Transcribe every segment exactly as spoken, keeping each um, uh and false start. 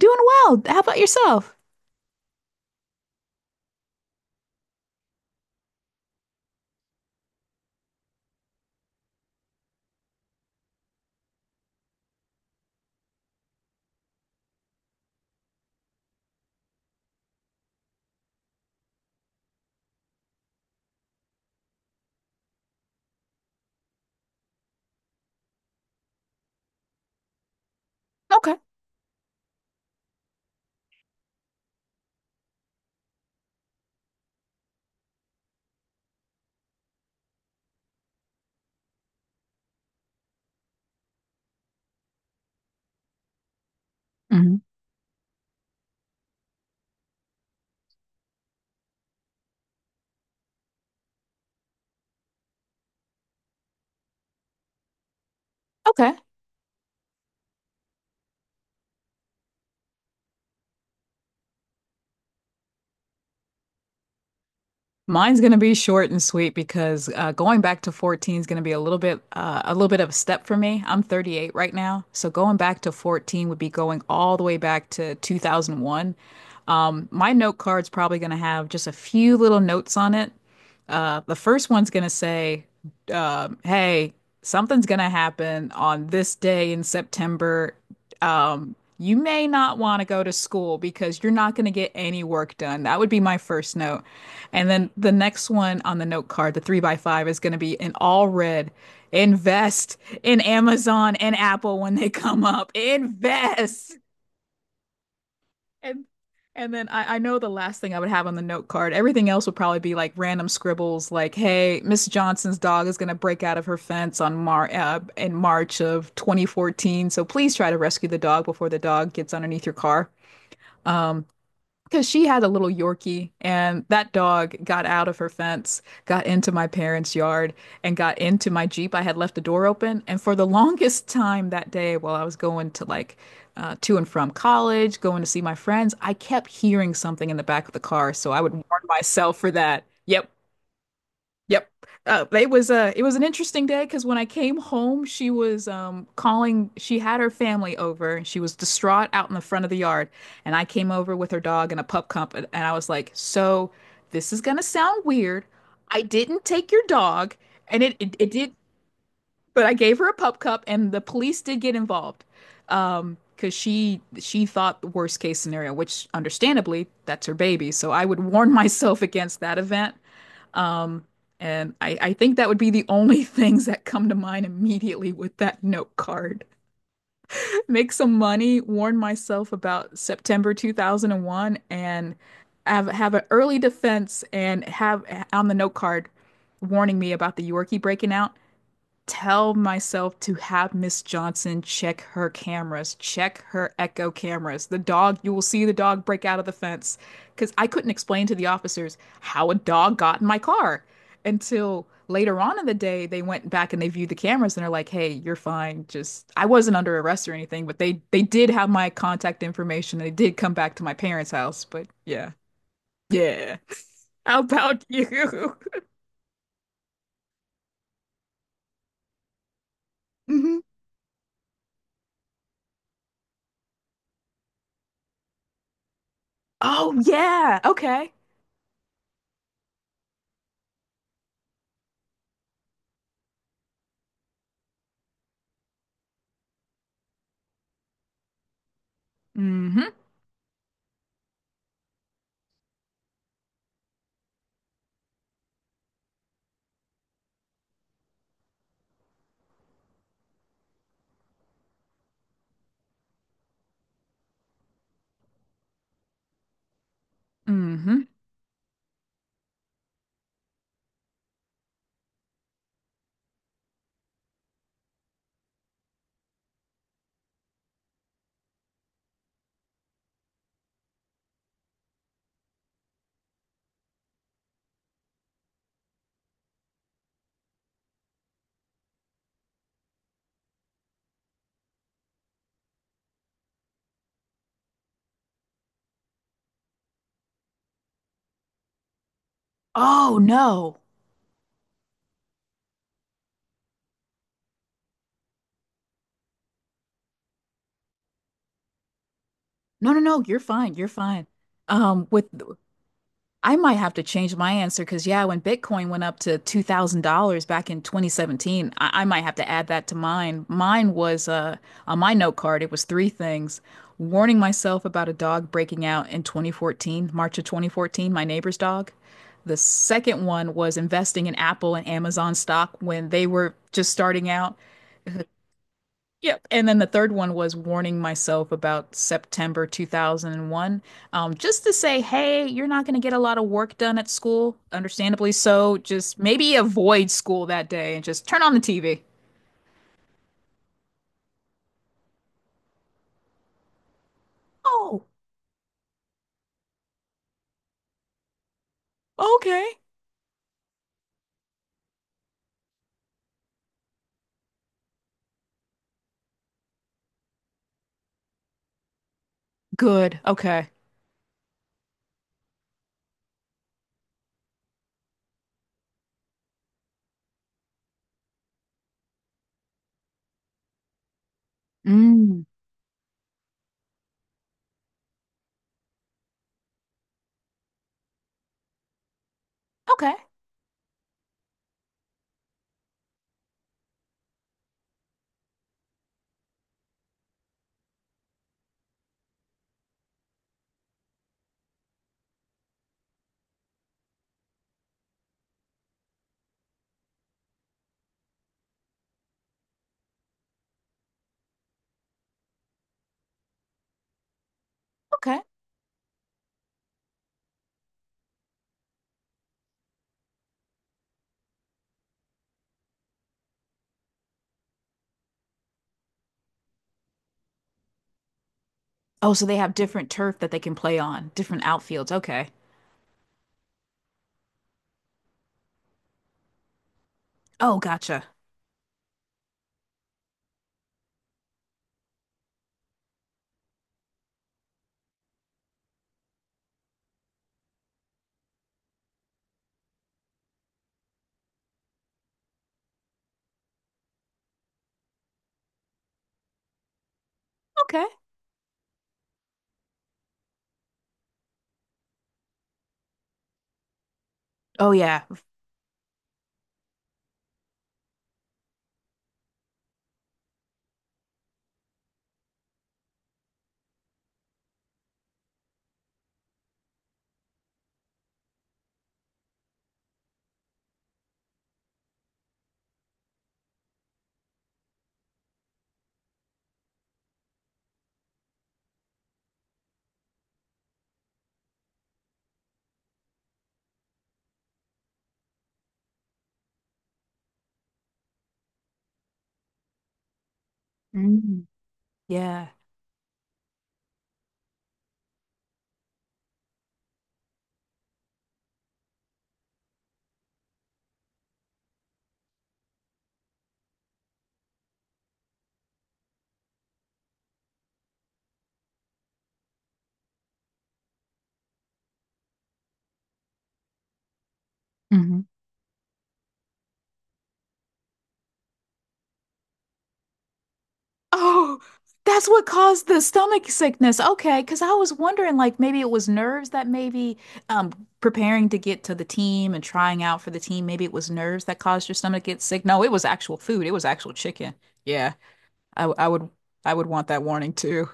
Doing well. How about yourself? Okay. Mhm. Okay. Mine's going to be short and sweet because uh, going back to fourteen is going to be a little bit uh, a little bit of a step for me. I'm thirty-eight right now, so going back to fourteen would be going all the way back to two thousand one. Um, my note card's probably going to have just a few little notes on it. Uh, the first one's going to say, um, "Hey, something's going to happen on this day in September. Um, you may not want to go to school because you're not going to get any work done." That would be my first note. And then the next one on the note card, the three by five, is going to be in all red. Invest in Amazon and Apple when they come up. Invest. And and then I, I know the last thing I would have on the note card. Everything else would probably be like random scribbles, like "Hey, Miss Johnson's dog is going to break out of her fence on Mar uh, in March of twenty fourteen, so please try to rescue the dog before the dog gets underneath your car." Um, because she had a little Yorkie, and that dog got out of her fence, got into my parents' yard, and got into my Jeep. I had left the door open. And for the longest time that day, while I was going to like uh, to and from college, going to see my friends, I kept hearing something in the back of the car. So I would warn myself for that. Yep. Yep. Uh, it was a it was an interesting day because when I came home, she was um calling. She had her family over, and she was distraught out in the front of the yard. And I came over with her dog and a pup cup, and, and I was like, "So, this is gonna sound weird. I didn't take your dog, and it it, it did, but I gave her a pup cup, and the police did get involved, um, because she she thought the worst case scenario, which understandably, that's her baby. So I would warn myself against that event. Um, and I, I think that would be the only things that come to mind immediately with that note card. Make some money, warn myself about September two thousand one, and have have an early defense and have on the note card warning me about the Yorkie breaking out tell myself to have Miss Johnson check her cameras, check her echo cameras. The dog, you will see the dog break out of the fence. Because I couldn't explain to the officers how a dog got in my car until later on in the day they went back and they viewed the cameras and they're like, hey, you're fine. Just I wasn't under arrest or anything, but they they did have my contact information. They did come back to my parents' house. But yeah. Yeah. How about you? Mhm. Oh yeah. Okay. Hmm. Hmm. Oh no. No, no, no, you're fine. You're fine. Um, with I might have to change my answer because yeah, when Bitcoin went up to two thousand dollars back in twenty seventeen, I, I might have to add that to mine. Mine was uh on my note card, it was three things. Warning myself about a dog breaking out in twenty fourteen, March of twenty fourteen, my neighbor's dog. The second one was investing in Apple and Amazon stock when they were just starting out. Yep. And then the third one was warning myself about September two thousand one, um, just to say, hey, you're not going to get a lot of work done at school, understandably so. Just maybe avoid school that day and just turn on the T V. Oh, okay. Good. Okay. Mm. Okay. Okay. Oh, so they have different turf that they can play on, different outfields. Okay. Oh, gotcha. Okay. Oh, yeah. Mm. Yeah. Mhm. Oh, that's what caused the stomach sickness. Okay, because I was wondering, like, maybe it was nerves that maybe um preparing to get to the team and trying out for the team, maybe it was nerves that caused your stomach to get sick. No, it was actual food. It was actual chicken. Yeah, I, I would I would want that warning too.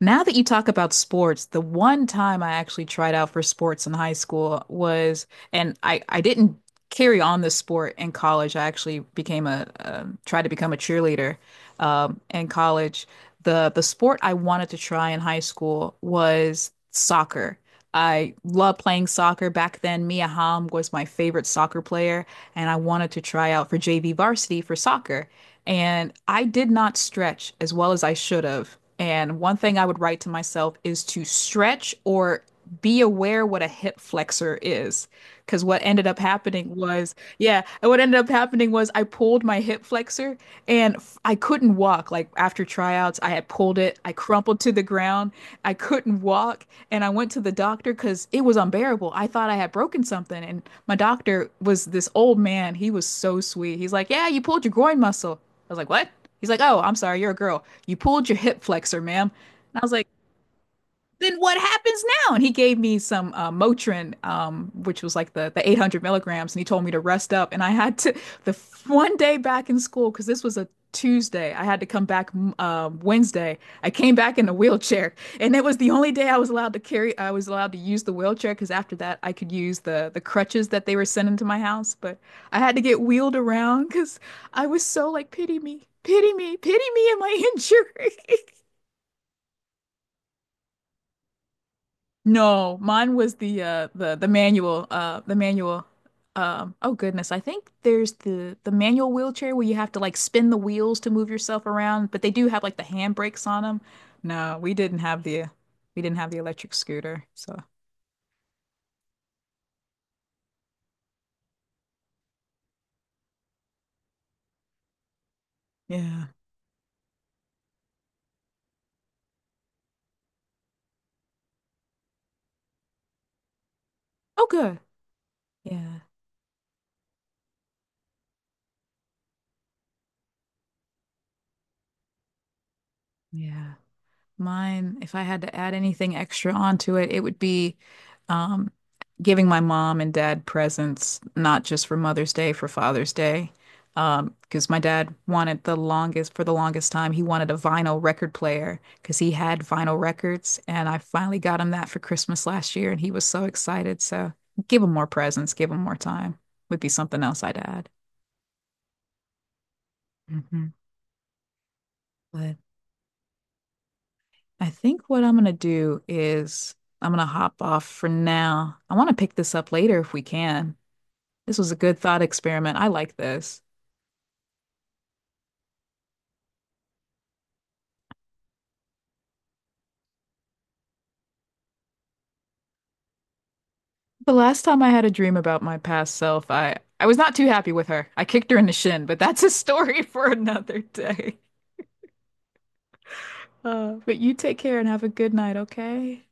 Now that you talk about sports, the one time I actually tried out for sports in high school was, and I, I didn't carry on the sport in college. I actually became a, um tried to become a cheerleader um, in college. The the sport I wanted to try in high school was soccer. I loved playing soccer back then. Mia Hamm was my favorite soccer player and I wanted to try out for J V varsity for soccer. And I did not stretch as well as I should have. And one thing I would write to myself is to stretch or be aware what a hip flexor is. Because what ended up happening was, yeah, what ended up happening was I pulled my hip flexor and couldn't I couldn't walk. Like after tryouts, I had pulled it. I crumpled to the ground. I couldn't walk, and I went to the doctor because it was unbearable. I thought I had broken something, and my doctor was this old man. He was so sweet. He's like, "Yeah, you pulled your groin muscle." I was like, "What?" He's like, "Oh, I'm sorry, you're a girl. You pulled your hip flexor, ma'am." And I was like then what happens now? And he gave me some uh, Motrin, um, which was like the the eight hundred milligrams, and he told me to rest up. And I had to the one day back in school because this was a Tuesday. I had to come back uh, Wednesday. I came back in a wheelchair, and it was the only day I was allowed to carry. I was allowed to use the wheelchair because after that, I could use the the crutches that they were sending to my house. But I had to get wheeled around because I was so like, pity me, pity me, pity me, and my injury. No, mine was the uh the the manual uh the manual um oh goodness, I think there's the the manual wheelchair where you have to like spin the wheels to move yourself around, but they do have like the handbrakes on them. No, we didn't have the we didn't have the electric scooter. So, yeah. Oh good. Yeah. Yeah. Mine, if I had to add anything extra onto it, it would be um, giving my mom and dad presents, not just for Mother's Day, for Father's Day. Um, because my dad wanted the longest, for the longest time, he wanted a vinyl record player because he had vinyl records. And I finally got him that for Christmas last year, and he was so excited. So give him more presents, give him more time would be something else I'd add. Hmm. I think what I'm gonna do is I'm gonna hop off for now. I want to pick this up later if we can. This was a good thought experiment. I like this. The last time I had a dream about my past self, I I was not too happy with her. I kicked her in the shin, but that's a story for another day. Uh, but you take care and have a good night, okay?